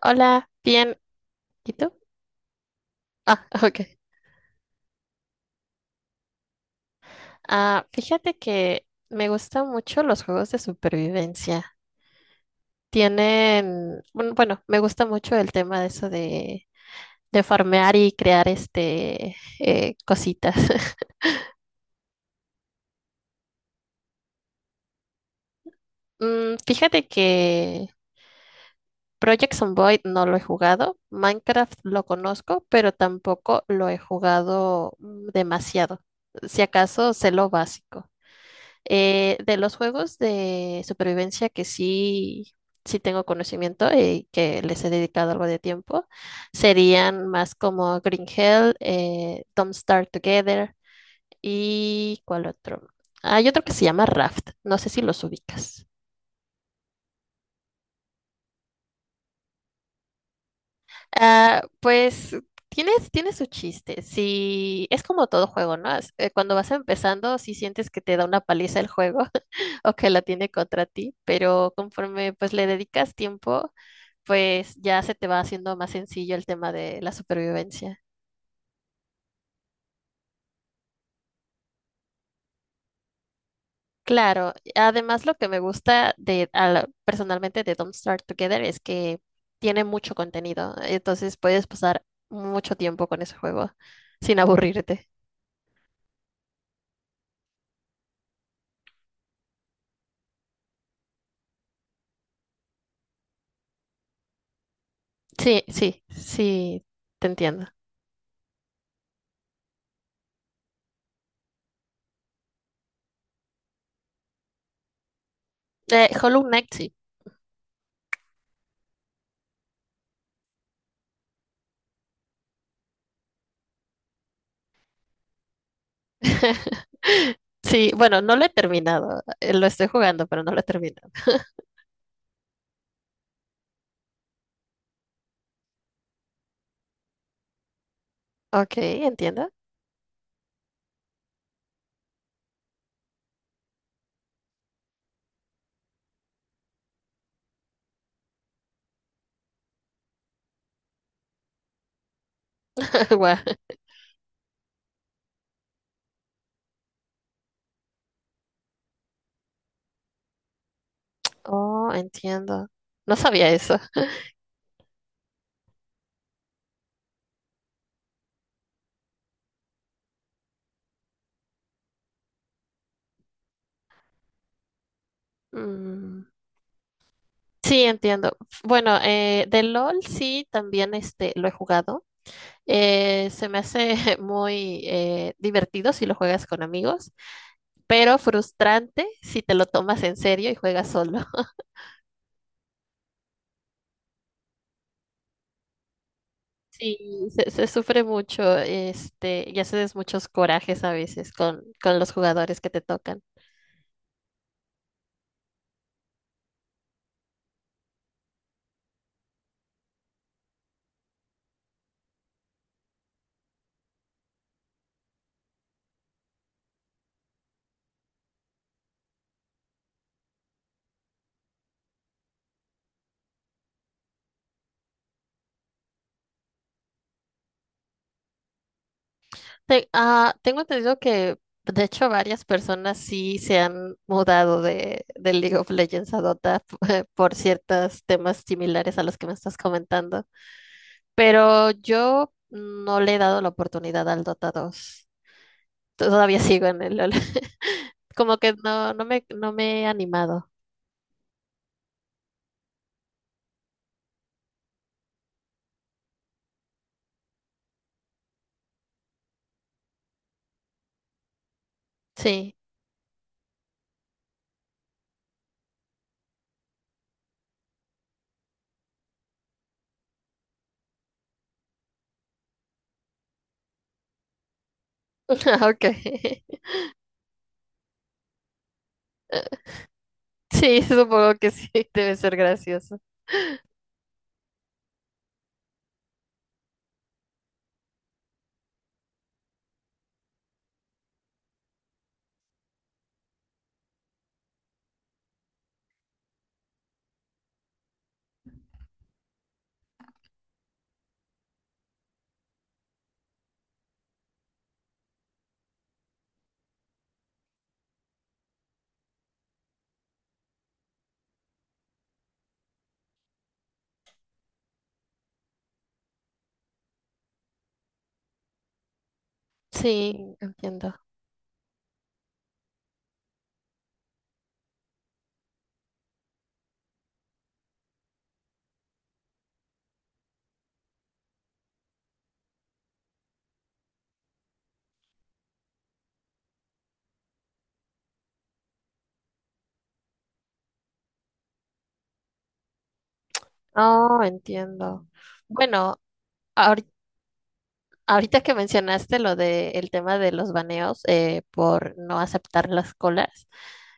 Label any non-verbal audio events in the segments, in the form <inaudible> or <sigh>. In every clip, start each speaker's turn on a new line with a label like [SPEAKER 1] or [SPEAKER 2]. [SPEAKER 1] Hola, bien. ¿Y tú? Ah, <laughs> ok. Ah, fíjate que me gustan mucho los juegos de supervivencia. Tienen, bueno, me gusta mucho el tema de eso de farmear y crear cositas. <laughs> Mm, fíjate que Project Zomboid no lo he jugado, Minecraft lo conozco, pero tampoco lo he jugado demasiado. Si acaso sé lo básico. De los juegos de supervivencia que sí tengo conocimiento y que les he dedicado algo de tiempo, serían más como Green Hell, Don't Starve Together y ¿cuál otro? Hay otro que se llama Raft, no sé si los ubicas. Ah, pues tiene su chiste. Si es como todo juego, ¿no? Cuando vas empezando, si sientes que te da una paliza el juego <laughs> o que la tiene contra ti, pero conforme pues le dedicas tiempo pues ya se te va haciendo más sencillo el tema de la supervivencia. Claro, además lo que me gusta personalmente de Don't Starve Together es que tiene mucho contenido, entonces puedes pasar mucho tiempo con ese juego sin aburrirte. Sí, sí, sí, te entiendo. Hollow Knight, sí. <laughs> Sí, bueno, no lo he terminado. Lo estoy jugando, pero no lo he terminado. Ok, entiendo. <laughs> Guau. Oh, entiendo. No sabía eso. Mm. Sí, entiendo. Bueno, de LOL sí, también este, lo he jugado. Se me hace <laughs> muy divertido si lo juegas con amigos, pero frustrante si te lo tomas en serio y juegas solo. <laughs> Sí, se sufre mucho, este, y haces muchos corajes a veces con los jugadores que te tocan. Tengo entendido que, de hecho, varias personas sí se han mudado de League of Legends a Dota, <laughs> por ciertos temas similares a los que me estás comentando, pero yo no le he dado la oportunidad al Dota dos. Todavía sigo en el LoL. <laughs> Como que no, no me he animado. Sí, <laughs> ok. <laughs> Sí, supongo que sí, <laughs> debe ser gracioso. Sí, entiendo. Oh, entiendo. Bueno, ahorita que mencionaste lo de el tema de los baneos por no aceptar las colas,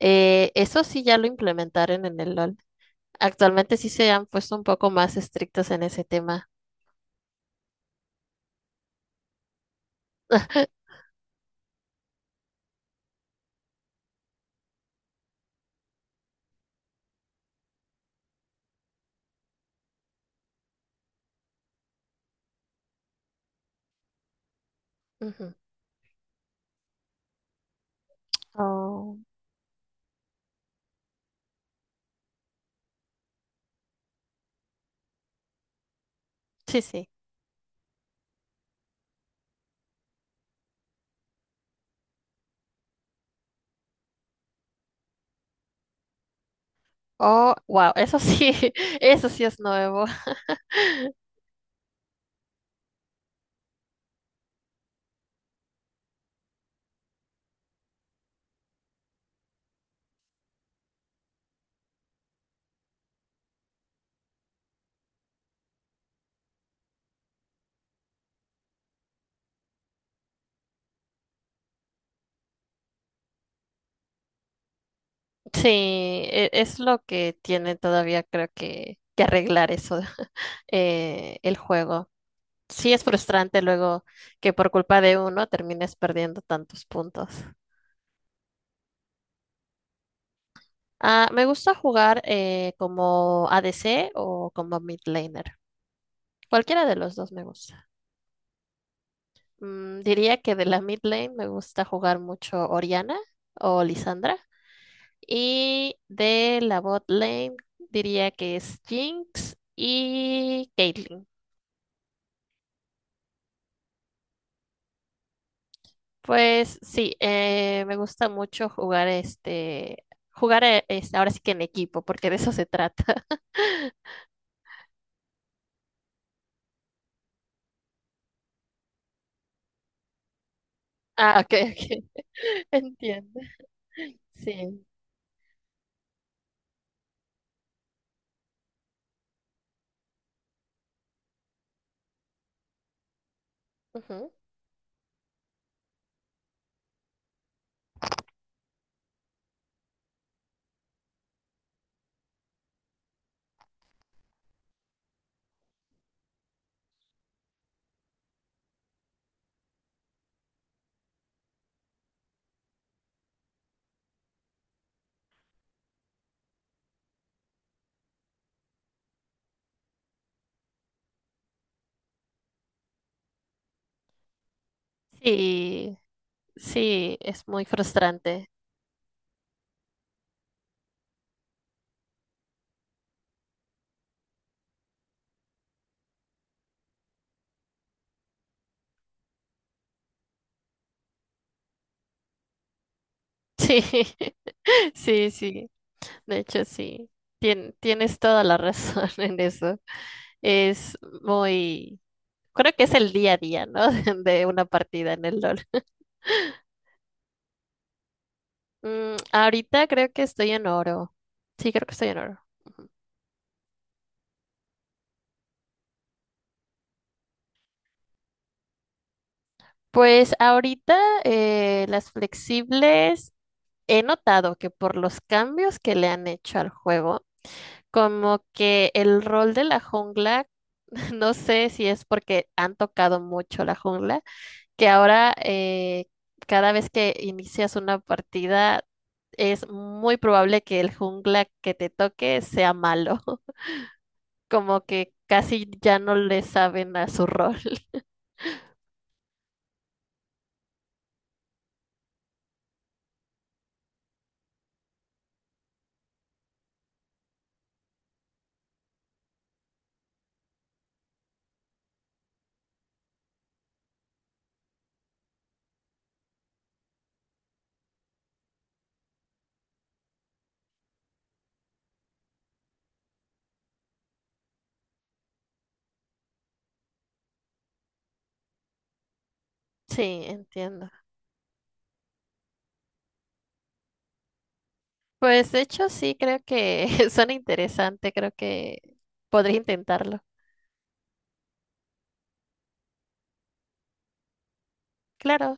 [SPEAKER 1] eso sí ya lo implementaron en el LOL. Actualmente sí se han puesto un poco más estrictos en ese tema. <laughs> Ujú. Oh, sí, sí. Oh, wow, eso sí, <laughs> eso sí es nuevo. Sí, es lo que tiene todavía creo que arreglar eso, <laughs> el juego. Sí, es frustrante luego que por culpa de uno termines perdiendo tantos puntos. Ah, me gusta jugar como ADC o como mid laner. Cualquiera de los dos me gusta. Mm, diría que de la mid lane me gusta jugar mucho Oriana o Lisandra. Y de la bot lane diría que es Jinx y Caitlyn. Pues sí, me gusta mucho jugar jugar ahora sí que en equipo, porque de eso se trata. Ah, ok, ok. <laughs> Entiendo. Sí. Ujú. Sí, sí, es muy frustrante. Sí, <laughs> sí, sí. De hecho, sí. Tienes toda la razón <laughs> en eso. Es muy... Creo que es el día a día, ¿no? <laughs> De una partida en el LOL. Mm, ahorita creo que estoy en oro. Sí, creo que estoy en oro. Pues ahorita las flexibles he notado que por los cambios que le han hecho al juego, como que el rol de la jungla, <laughs> no sé si es porque han tocado mucho la jungla, que ahora cada vez que inicias una partida es muy probable que el jungla que te toque sea malo, <laughs> como que casi ya no le saben a su rol. <laughs> Sí, entiendo. Pues de hecho sí, creo que <laughs> suena interesante, creo que podría intentarlo. Claro.